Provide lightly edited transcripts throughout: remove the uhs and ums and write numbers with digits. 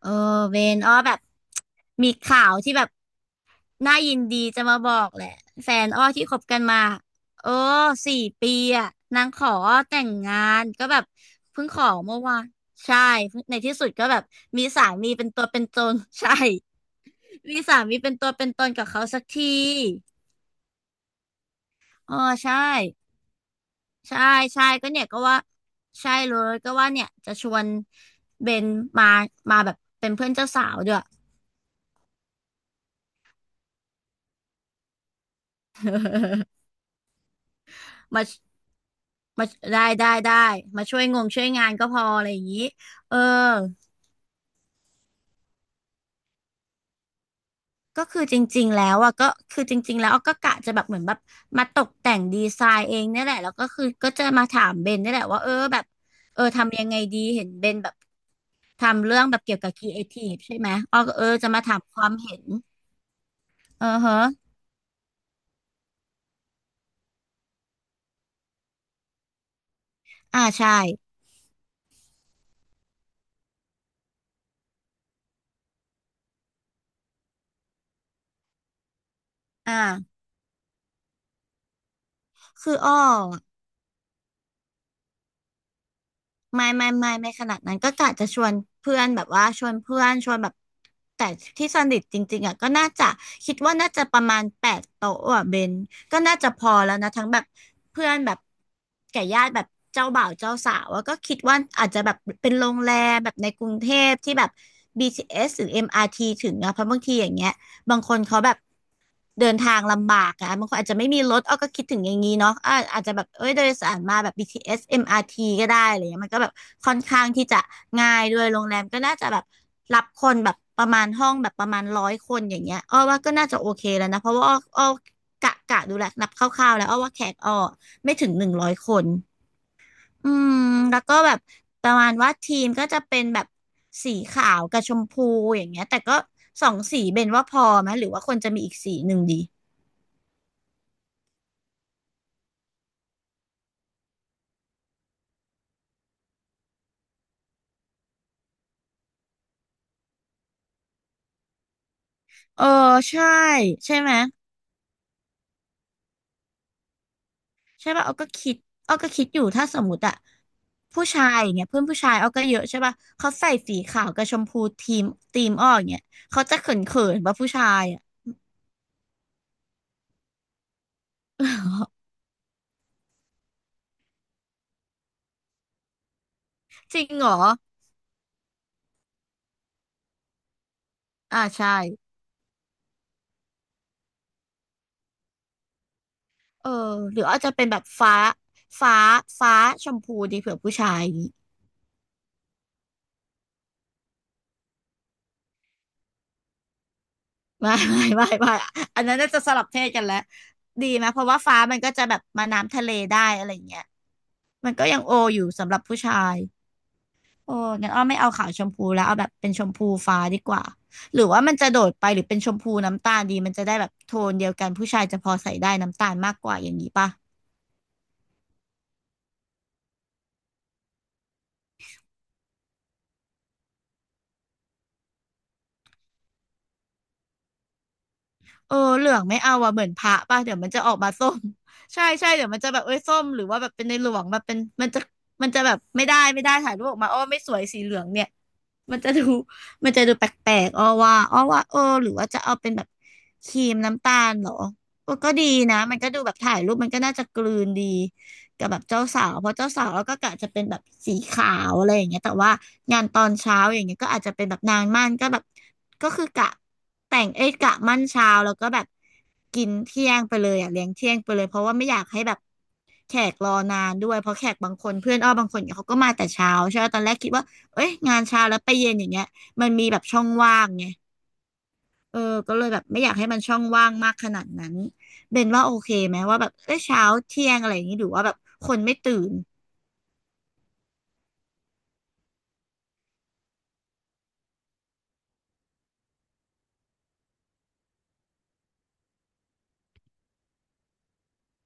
เออเวนอ้อแบบมีข่าวที่แบบน่ายินดีจะมาบอกแหละแฟนอ้อที่คบกันมาโอ้4 ปีอะนางขออ้อแต่งงานก็แบบเพิ่งขอเมื่อวานใช่ในที่สุดก็แบบมีสามีเป็นตัวเป็นตน ใช่มีสามีเป็นตัวเป็นตนกับเขาสักทีอออใช่ใช่ใช่ก็เนี่ยก็ว่าใช่เลยก็ว่าเนี่ยจะชวนเบนมามาแบบเป็นเพื่อนเจ้าสาวด้วยมา มาได้ได้ได้มาช่วยงงช่วยงานก็พออะไรอย่างนี้เออ ก็คือจริงๆแล้วอ่ะก็คือจริงๆแล้วออก็กะจะแบบเหมือนแบบมาตกแต่งดีไซน์เองเนี่ยแหละแล้วก็คือก็จะมาถามเบนเนี่ยแหละว่าเออแบบทำยังไงดีเห็นเบนแบบทำเรื่องแบบเกี่ยวกับครีเอทีฟใช่ไหมอ้อก็จะมาถามความเห็นเออฮะอ่าใช่อ่าคืออ้อ ไม่ไม่ไม่ไม่ขนาดนั้นก็กะจะชวนเพื่อนแบบว่าชวนเพื่อนชวนแบบแต่ที่สนิทจริงๆอ่ะก็น่าจะคิดว่าน่าจะประมาณ8 โต๊ะอ่ะเบนก็น่าจะพอแล้วนะทั้งแบบเพื่อนแบบแก่ญาติแบบเจ้าบ่าวเจ้าสาวอะก็คิดว่าอาจจะแบบเป็นโรงแรมแบบในกรุงเทพที่แบบ BTS หรือ MRT ถึงอะเพราะบางทีอย่างเงี้ย บางคนเขาแบบเดินทางลำบากอะบางคนอาจจะไม่มีรถอ้อก็คิดถึงอย่างนี้เนาะอาจจะแบบเอ้ยโดยสารมาแบบ BTS MRT ก็ได้อะไรเงี้ยมันก็แบบค่อนข้างที่จะง่ายด้วยโรงแรมก็น่าจะแบบรับคนแบบประมาณห้องแบบประมาณร้อยคนอย่างเงี้ยอ้อว่าก็น่าจะโอเคแล้วนะเพราะว่าอ้อกะดูแลวนับคร่าวๆแล้วอ้อว่าแขกอ้อไม่ถึง100 คน อืมแล้วก็แบบประมาณว่าทีมก็จะเป็นแบบสีขาวกับชมพูอย่างเงี้ยแต่ก็สองสีเบนว่าพอไหมหรือว่าควรจะมีอีกสีหนึ่งดีเออใช่ใช่ไหมใช่ป่ะเอาก็คิดอยู่ถ้าสมมติอะผู้ชายอย่างเงี้ยเพื่อนผู้ชายเอาก็เยอะใช่ป่ะเขาใส่สีขาวกับชมพูทีมอ้ออย่างเงี้ยเขาจะเขินป่ะผู้ชายอะ จริงเหรออ่าใช่เออหรืออาจจะเป็นแบบฟ้าฟ้าฟ้าชมพูดีเผื่อผู้ชายอย่างงี้ ไม่ไม่ไม่ไม่อันนั้นน่าจะสลับเพศกันแล้วดีไหมเพราะว่าฟ้ามันก็จะแบบมาน้ำทะเลได้อะไรอย่างเงี้ยมันก็ยังโออยู่สำหรับผู้ชายโอ้งั้นอ้อไม่เอาขาวชมพูแล้วเอาแบบเป็นชมพูฟ้าดีกว่าหรือว่ามันจะโดดไปหรือเป็นชมพูน้ำตาลดีมันจะได้แบบโทนเดียวกันผู้ชายจะพอใส่ได้น้ำตาลมากกว่าอย่างนี้ป่ะ เออเหลืองไม่เอาอะเหมือนพระป่ะเดี๋ยวมันจะออกมาส้ม ใช่ใช่เดี๋ยวมันจะแบบเอ้ยส้มหรือว่าแบบเป็นในหลวงแบบเป็นมันจะมันจะแบบไม่ได้ถ่ายรูปออกมาอ้อไม่สวยสีเหลืองเนี่ยมันจะดู มันจะดูแปลกๆอ้อว่าเออหรือว่าจะเอาเป็นแบบครีมน้ำตาลเหรอเออก็ดีนะมันก็ดูแบบถ่ายรูปมันก็น่าจะกลืนดี กับแบบเจ้าสาวเพราะเจ้าสาวเราก็กะจะเป็นแบบสีขาวอะไรอย่างเงี้ยแต่ว่างานตอนเช้าอย่างเงี้ยก็อาจจะเป็นแบบนางมั่นก็แบบก็คือกะแต่งเอ้ยกะมั่นเช้าแล้วก็แบบกินเที่ยงไปเลยอ่ะเลี้ยงเที่ยงไปเลยเพราะว่าไม่อยากให้แบบแขกรอนานด้วยเพราะแขกบางคนเพื่อนอ้อบางคนเนี่ยเขาก็มาแต่เช้าใช่ไหมตอนแรกคิดว่าเอ้ยงานเช้าแล้วไปเย็นอย่างเงี้ยมันมีแบบช่องว่างไง เออก็เลยแบบไม่อยากให้มันช่องว่างมากขนาดนั้นเบนว่าโอเคไหมว่าแบบเออเช้าเที่ยงอะไรอย่างนี้หรือว่าแบบคนไม่ตื่น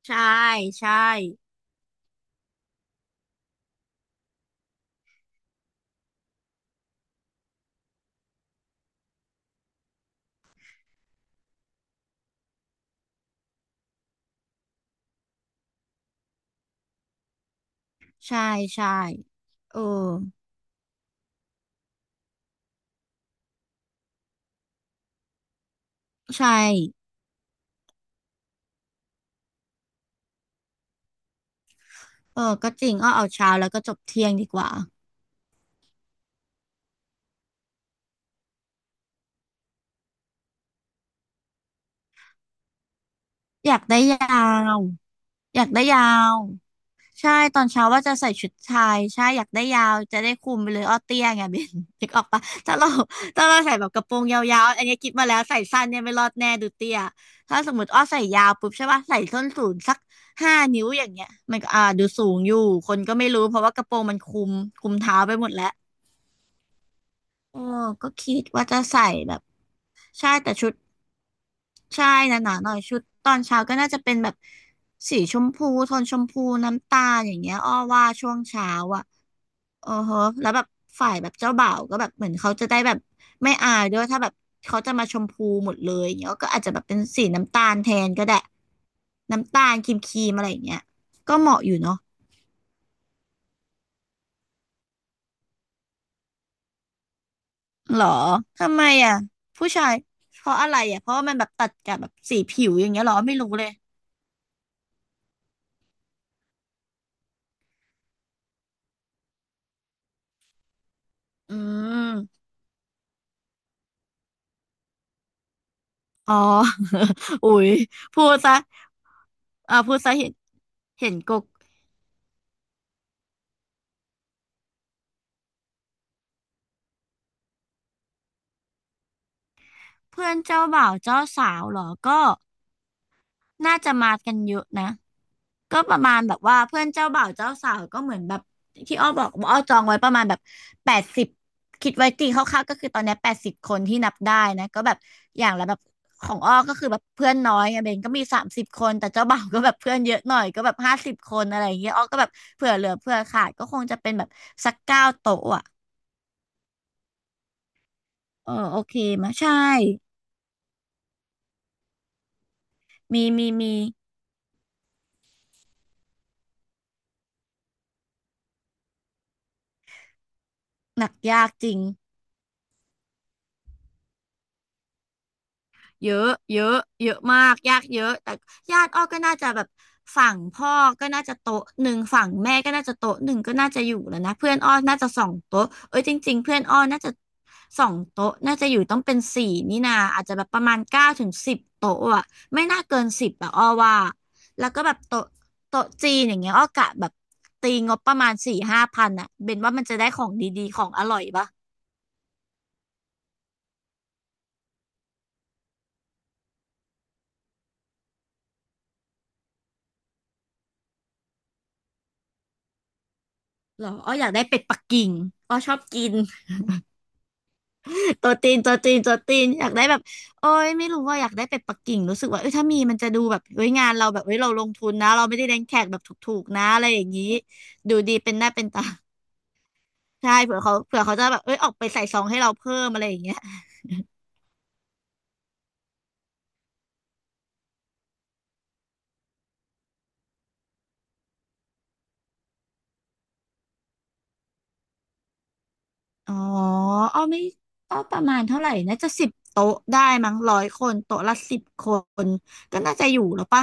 ใช่ใช่ใช่ใช่เออใช่เออก็จริงอ้อเอาเช้าแล้วก็จบเที่ยงดีกว่าอยากได้ยาวอยากได้ยาว ใช่ตอนเช้าว่าจะใส่ชุดชายใช่อยากได้ยาวจะได้คุมไปเลยอ้อเตี้ยไง เบน นึกออกปะถ้าเรา ถ้าเราใส่แบบกระโปรงยาวๆอันนี้คิดมาแล้วใส่สั้นเนี่ยไม่รอดแน่ดูเตี้ยถ้าสมมติอ้อใส่ยาวปุ๊บใช่ปะใส่ส้นสูงสัก5 นิ้วอย่างเงี้ยมันก็ดูสูงอยู่คนก็ไม่รู้เพราะว่ากระโปรงมันคุมเท้าไปหมดแล้วโออก็คิดว่าจะใส่แบบใช่แต่ชุดใช่หนาๆหน่อยชุดตอนเช้าก็น่าจะเป็นแบบสีชมพูโทนชมพูน้ำตาลอย่างเงี้ยอ้อว่าช่วงเช้าอ่ะ อ๋อฮะแล้วแบบฝ่ายแบบเจ้าบ่าวก็แบบเหมือนเขาจะได้แบบไม่อายด้วยถ้าแบบเขาจะมาชมพูหมดเลยอย่างเงี้ยก็อาจจะแบบเป็นสีน้ำตาลแทนก็ได้น้ำตาลครีมครีมอะไรอย่างเงี้ยก็เหมาะอยู่เนาะหรอทำไมอ่ะผู้ชายเพราะอะไรอ่ะเพราะว่ามันแบบตัดกับแบบสีผิวอย่างเงี้ยหรอไม่รู้เลยอืมอ๋อ อุ๊ยพูดซะอ่าพูดซะเห็นกกเพื่อนเจ้าบ่าวเจ้าสาวเหรอก็ น่าจะมากันเยอะนะก็ประมาณแบบว่าเพื่อนเจ้าบ่าวเจ้าสาวก็เหมือนแบบที่อ้อบอกว่าอ้อจองไว้ประมาณแบบแปดสิบคิดไว้ตีคร่าวๆก็คือตอนเนี้80 คนที่นับได้นะก็แบบอย่างละแบบของอ้อก็คือแบบเพื่อนน้อยไงเบนก็มี30 คนแต่เจ้าบ่าวก็แบบเพื่อนเยอะหน่อยก็แบบ50 คนอะไรอย่างเงี้ยอ้อก็แบบเผื่อเหลือเผื่อขาดก็คงจะเป็นแบบสัก9 โต๊ะอ่ะเออโอเคมาใช่มีหนักยากจริง เยอะเยอะเยอะมากยากเยอะแต่ญาติอ้อก็น่าจะแบบฝั่งพ่อก็น่าจะโต๊ะหนึ่งฝั่งแม่ก็น่าจะโต๊ะหนึ่งก็น่าจะอยู่แล้วนะเพื่อนอ้อน่าจะสองโต๊ะเอ้ยจริงๆเพื่อนอ้อน่าจะสองโต๊ะน่าจะอยู่ต้องเป็นสี่นี่นาอาจจะแบบประมาณ9 ถึง 10 โต๊ะอะไม่น่าเกินสิบอะอ้อว่าแล้วก็แบบโต๊ะจีนอย่างเงี้ยอ้อกะแบบตีงบประมาณ4-5 พันอะเบนว่ามันจะได้ของดีๆของอร่อยปะหรออ้ออยากได้เป็ดปักกิ่งอ้อชอบกิน ตัวตีนอยากได้แบบโอ้ยไม่รู้ว่าอยากได้เป็ดปักกิ่งรู้สึกว่าเอ้ยถ้ามีมันจะดูแบบเอ้ยงานเราแบบเว้ยเราลงทุนนะเราไม่ได้เลี้ยงแขกแบบถูกๆนะอะไรอย่างนี้ดูดีเป็นหน้าเป็นตา ใช่เผื่อเขาจะแบบเอ้ยออกไปใส่ซองให้เราเพิ่มอะไรอย่างเงี้ยอ๋ออ้อาไม่ก็ประมาณเท่าไหร่น่าจะสิบโต๊ะได้มั้งร้อยคนโต๊ะละ 10 คนก็น่าจะอยู่แล้วปะ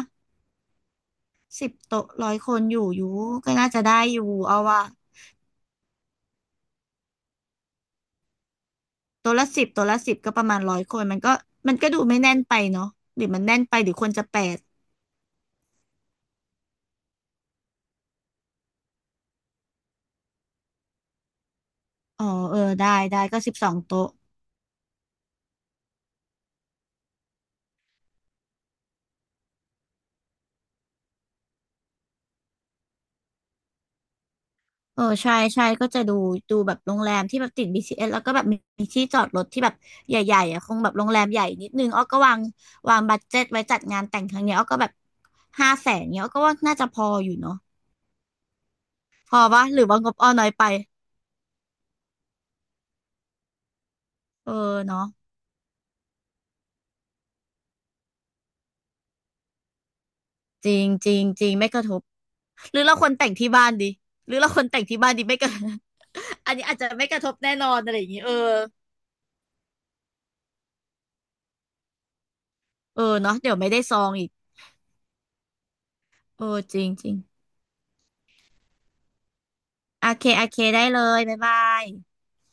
10 โต๊ะ 100 คนอยู่อยู่ก็น่าจะได้อยู่เอาว่ะ ตัวละสิบตัวละ 10ก็ประมาณร้อยคนมันก็มันก็ดูไม่แน่นไปเนาะหรือมันแน่นไปหรือควรจะแปดอ๋อเออได้ก็12 โต๊ะเออใช่ใช่ก็จะดูดูแบบโรงแรมที่แบบติด BCS แล้วก็แบบมีที่จอดรถที่แบบใหญ่ๆอ่ะคงแบบโรงแรมใหญ่นิดนึงอ้อก็วางบัดเจ็ตไว้จัดงานแต่งครั้งเนี้ยอ้อก็แบบ500,000เนี้ยอ้อก็ว่าน่าจะพออยู่เนาะพอปะหรือว่างบอ้อน้อยไปเออเนาะจริงจริงจริงไม่กระทบหรือเราควรแต่งที่บ้านดีหรือเราควรแต่งที่บ้านดีไม่กระทบ อันนี้อาจจะไม่กระทบแน่นอนอะไรอย่างนี้เออเออเนาะเดี๋ยวไม่ได้ซองอีกเออจริงจริงโอเคโอเคได้เลยบ๊ายบาย